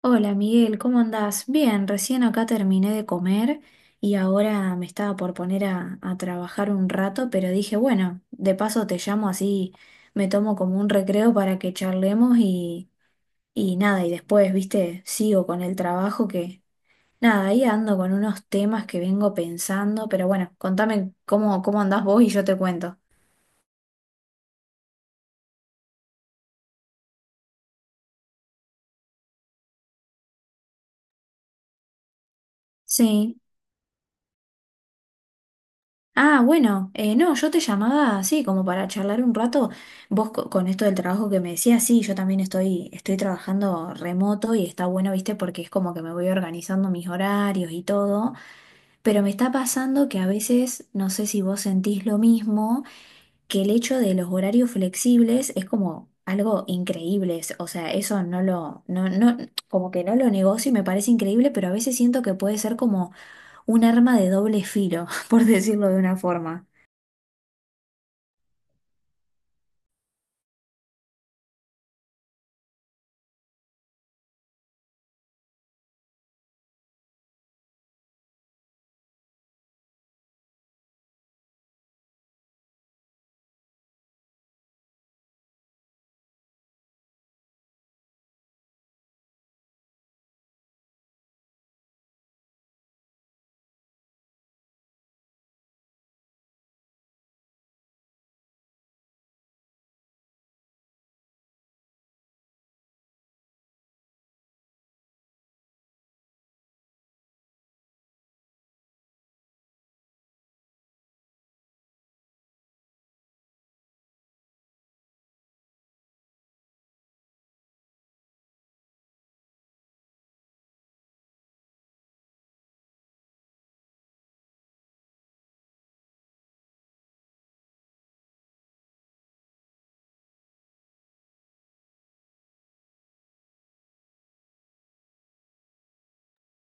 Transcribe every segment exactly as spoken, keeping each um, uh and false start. Hola Miguel, ¿cómo andás? Bien, recién acá terminé de comer y ahora me estaba por poner a, a trabajar un rato, pero dije, bueno, de paso te llamo así, me tomo como un recreo para que charlemos y, y nada, y después, viste, sigo con el trabajo que, nada, ahí ando con unos temas que vengo pensando, pero bueno, contame cómo, cómo andás vos y yo te cuento. Sí. Ah, bueno, eh, no, yo te llamaba así como para charlar un rato. Vos co- con esto del trabajo que me decías, sí, yo también estoy, estoy trabajando remoto y está bueno, viste, porque es como que me voy organizando mis horarios y todo. Pero me está pasando que a veces, no sé si vos sentís lo mismo, que el hecho de los horarios flexibles es como algo increíble. es- O sea, eso no lo, no, no, como que no lo negocio y me parece increíble, pero a veces siento que puede ser como un arma de doble filo, por decirlo de una forma.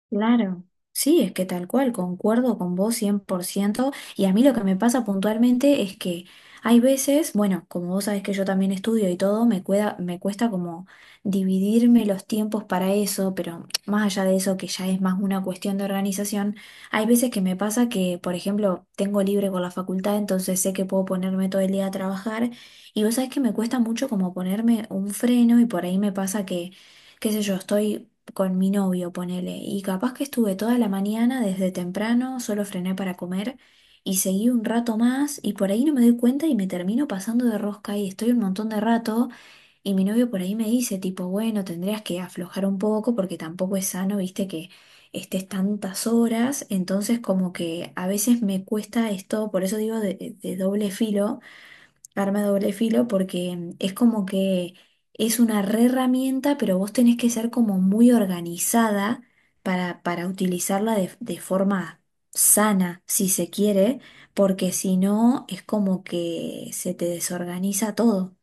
Claro, sí, es que tal cual, concuerdo con vos cien por ciento. Y a mí lo que me pasa puntualmente es que hay veces, bueno, como vos sabés que yo también estudio y todo, me cuesta, me cuesta como dividirme los tiempos para eso, pero más allá de eso que ya es más una cuestión de organización, hay veces que me pasa que, por ejemplo, tengo libre con la facultad, entonces sé que puedo ponerme todo el día a trabajar y vos sabés que me cuesta mucho como ponerme un freno y por ahí me pasa que, qué sé yo, estoy con mi novio, ponele, y capaz que estuve toda la mañana desde temprano, solo frené para comer y seguí un rato más y por ahí no me doy cuenta y me termino pasando de rosca y estoy un montón de rato y mi novio por ahí me dice tipo, bueno, tendrías que aflojar un poco porque tampoco es sano, viste, que estés tantas horas, entonces como que a veces me cuesta esto, por eso digo de de doble filo arma de doble filo porque mm, es como que es una re herramienta, pero vos tenés que ser como muy organizada para, para utilizarla de, de forma sana, si se quiere, porque si no es como que se te desorganiza todo.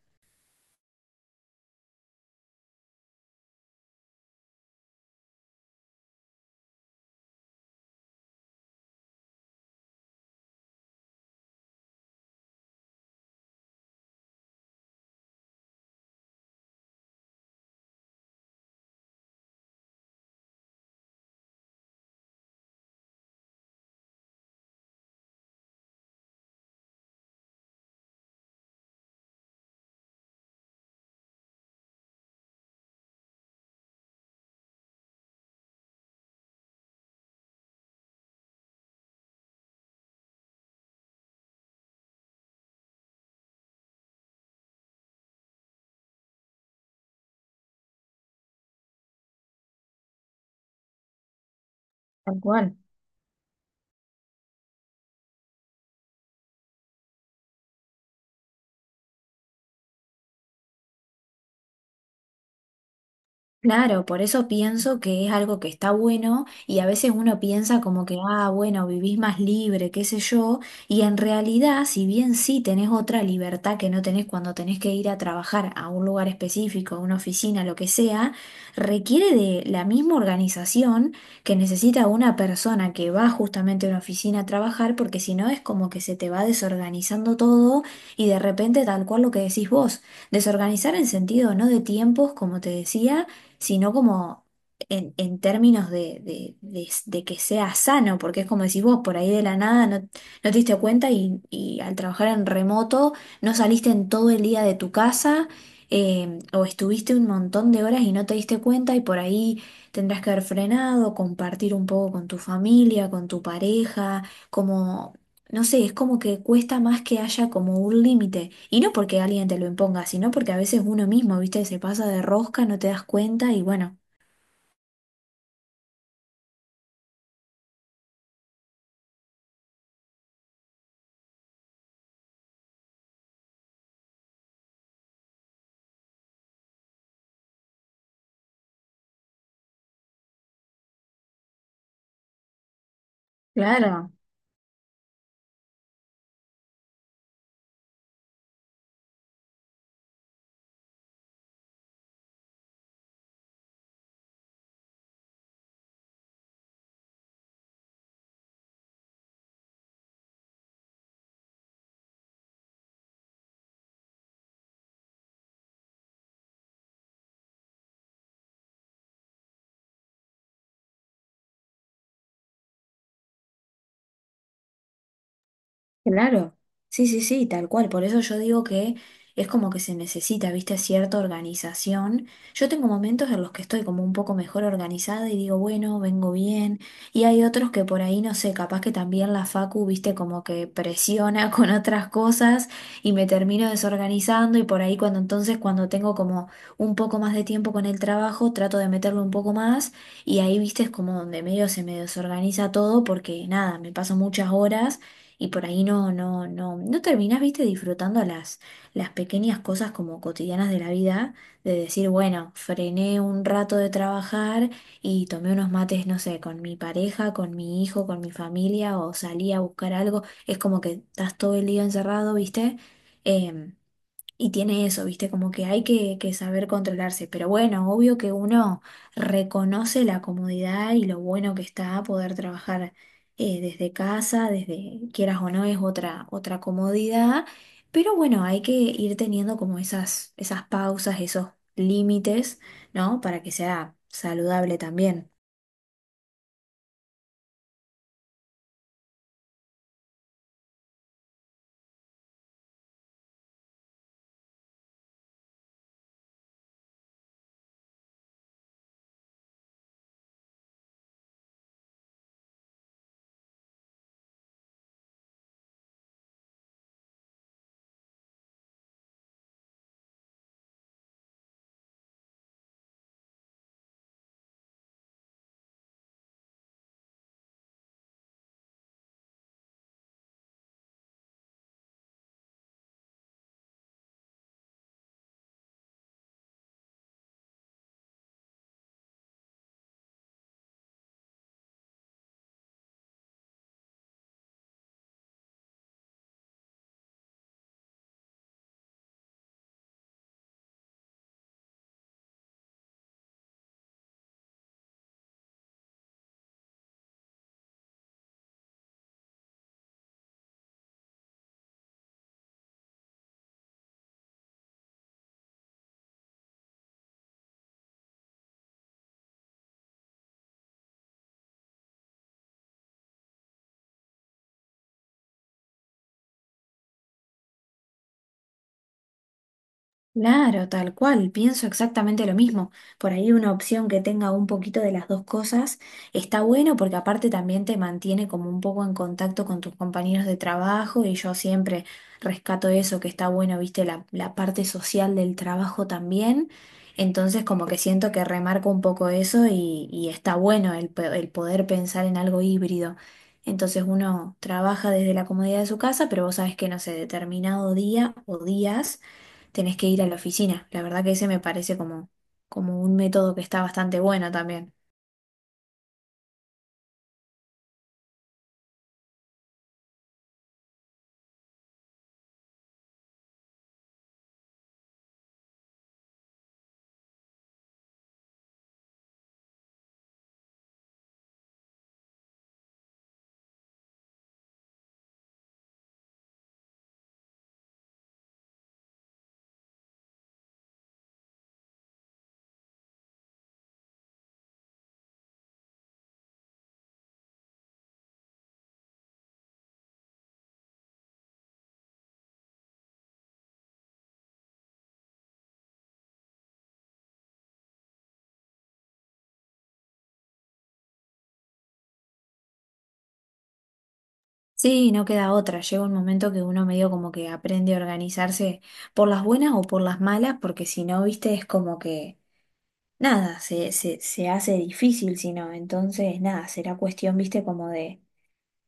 Tal cual. Claro, por eso pienso que es algo que está bueno y a veces uno piensa como que, ah, bueno, vivís más libre, qué sé yo, y en realidad, si bien sí tenés otra libertad que no tenés cuando tenés que ir a trabajar a un lugar específico, a una oficina, lo que sea, requiere de la misma organización que necesita una persona que va justamente a una oficina a trabajar, porque si no es como que se te va desorganizando todo y de repente tal cual lo que decís vos, desorganizar en sentido no de tiempos, como te decía, sino como en, en términos de, de- de- de que sea sano, porque es como decís vos, por ahí de la nada no, no te diste cuenta y, y al trabajar en remoto no saliste en todo el día de tu casa. Eh, o estuviste un montón de horas y no te diste cuenta y por ahí tendrás que haber frenado, compartir un poco con tu familia, con tu pareja, no sé, es como que cuesta más que haya como un límite. Y no porque alguien te lo imponga, sino porque a veces uno mismo, viste, se pasa de rosca, no te das cuenta y bueno. Claro. Claro, sí, sí, sí, tal cual. Por eso yo digo que es como que se necesita, viste, cierta organización. Yo tengo momentos en los que estoy como un poco mejor organizada y digo, bueno, vengo bien. Y hay otros que por ahí, no sé, capaz que también la facu, viste, como que presiona con otras cosas y me termino desorganizando y por ahí cuando entonces, cuando tengo como un poco más de tiempo con el trabajo, trato de meterlo un poco más y ahí, viste, es como donde medio se me desorganiza todo porque nada, me paso muchas horas y por ahí no, no, no, no terminás, viste, disfrutando las, las pequeñas cosas como cotidianas de la vida, de decir, bueno, frené un rato de trabajar y tomé unos mates, no sé, con mi pareja, con mi hijo, con mi familia, o salí a buscar algo, es como que estás todo el día encerrado, viste. Em, y tiene eso, ¿viste? Como que hay que, que saber controlarse. Pero bueno, obvio que uno reconoce la comodidad y lo bueno que está poder trabajar eh, desde casa, desde quieras o no, es otra, otra comodidad. Pero bueno, hay que ir teniendo como esas, esas pausas, esos límites, ¿no? Para que sea saludable también. Claro, tal cual, pienso exactamente lo mismo. Por ahí una opción que tenga un poquito de las dos cosas está bueno porque aparte también te mantiene como un poco en contacto con tus compañeros de trabajo y yo siempre rescato eso que está bueno, viste, la, la parte social del trabajo también. Entonces como que siento que remarco un poco eso y, y está bueno el, pe- el poder pensar en algo híbrido. Entonces uno trabaja desde la comodidad de su casa, pero vos sabés que no sé, determinado día o días tenés que ir a la oficina. La verdad que ese me parece como, como un método que está bastante bueno también. Sí, no queda otra. Llega un momento que uno medio como que aprende a organizarse por las buenas o por las malas, porque si no, viste, es como que nada, se, se, se hace difícil, si no. Entonces, nada, será cuestión, viste, como de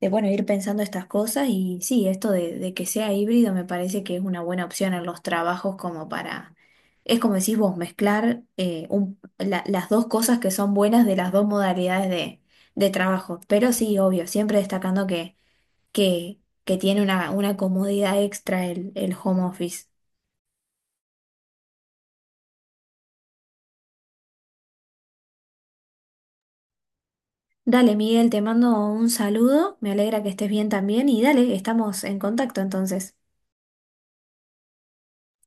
de bueno, ir pensando estas cosas y sí, esto de, de que sea híbrido me parece que es una buena opción en los trabajos como para, es como decís vos, mezclar eh, un- la- las dos cosas que son buenas de las dos modalidades de, de trabajo. Pero sí, obvio, siempre destacando que, que, que tiene una, una comodidad extra el, el home office. Dale, Miguel, te mando un saludo, me alegra que estés bien también y dale, estamos en contacto entonces.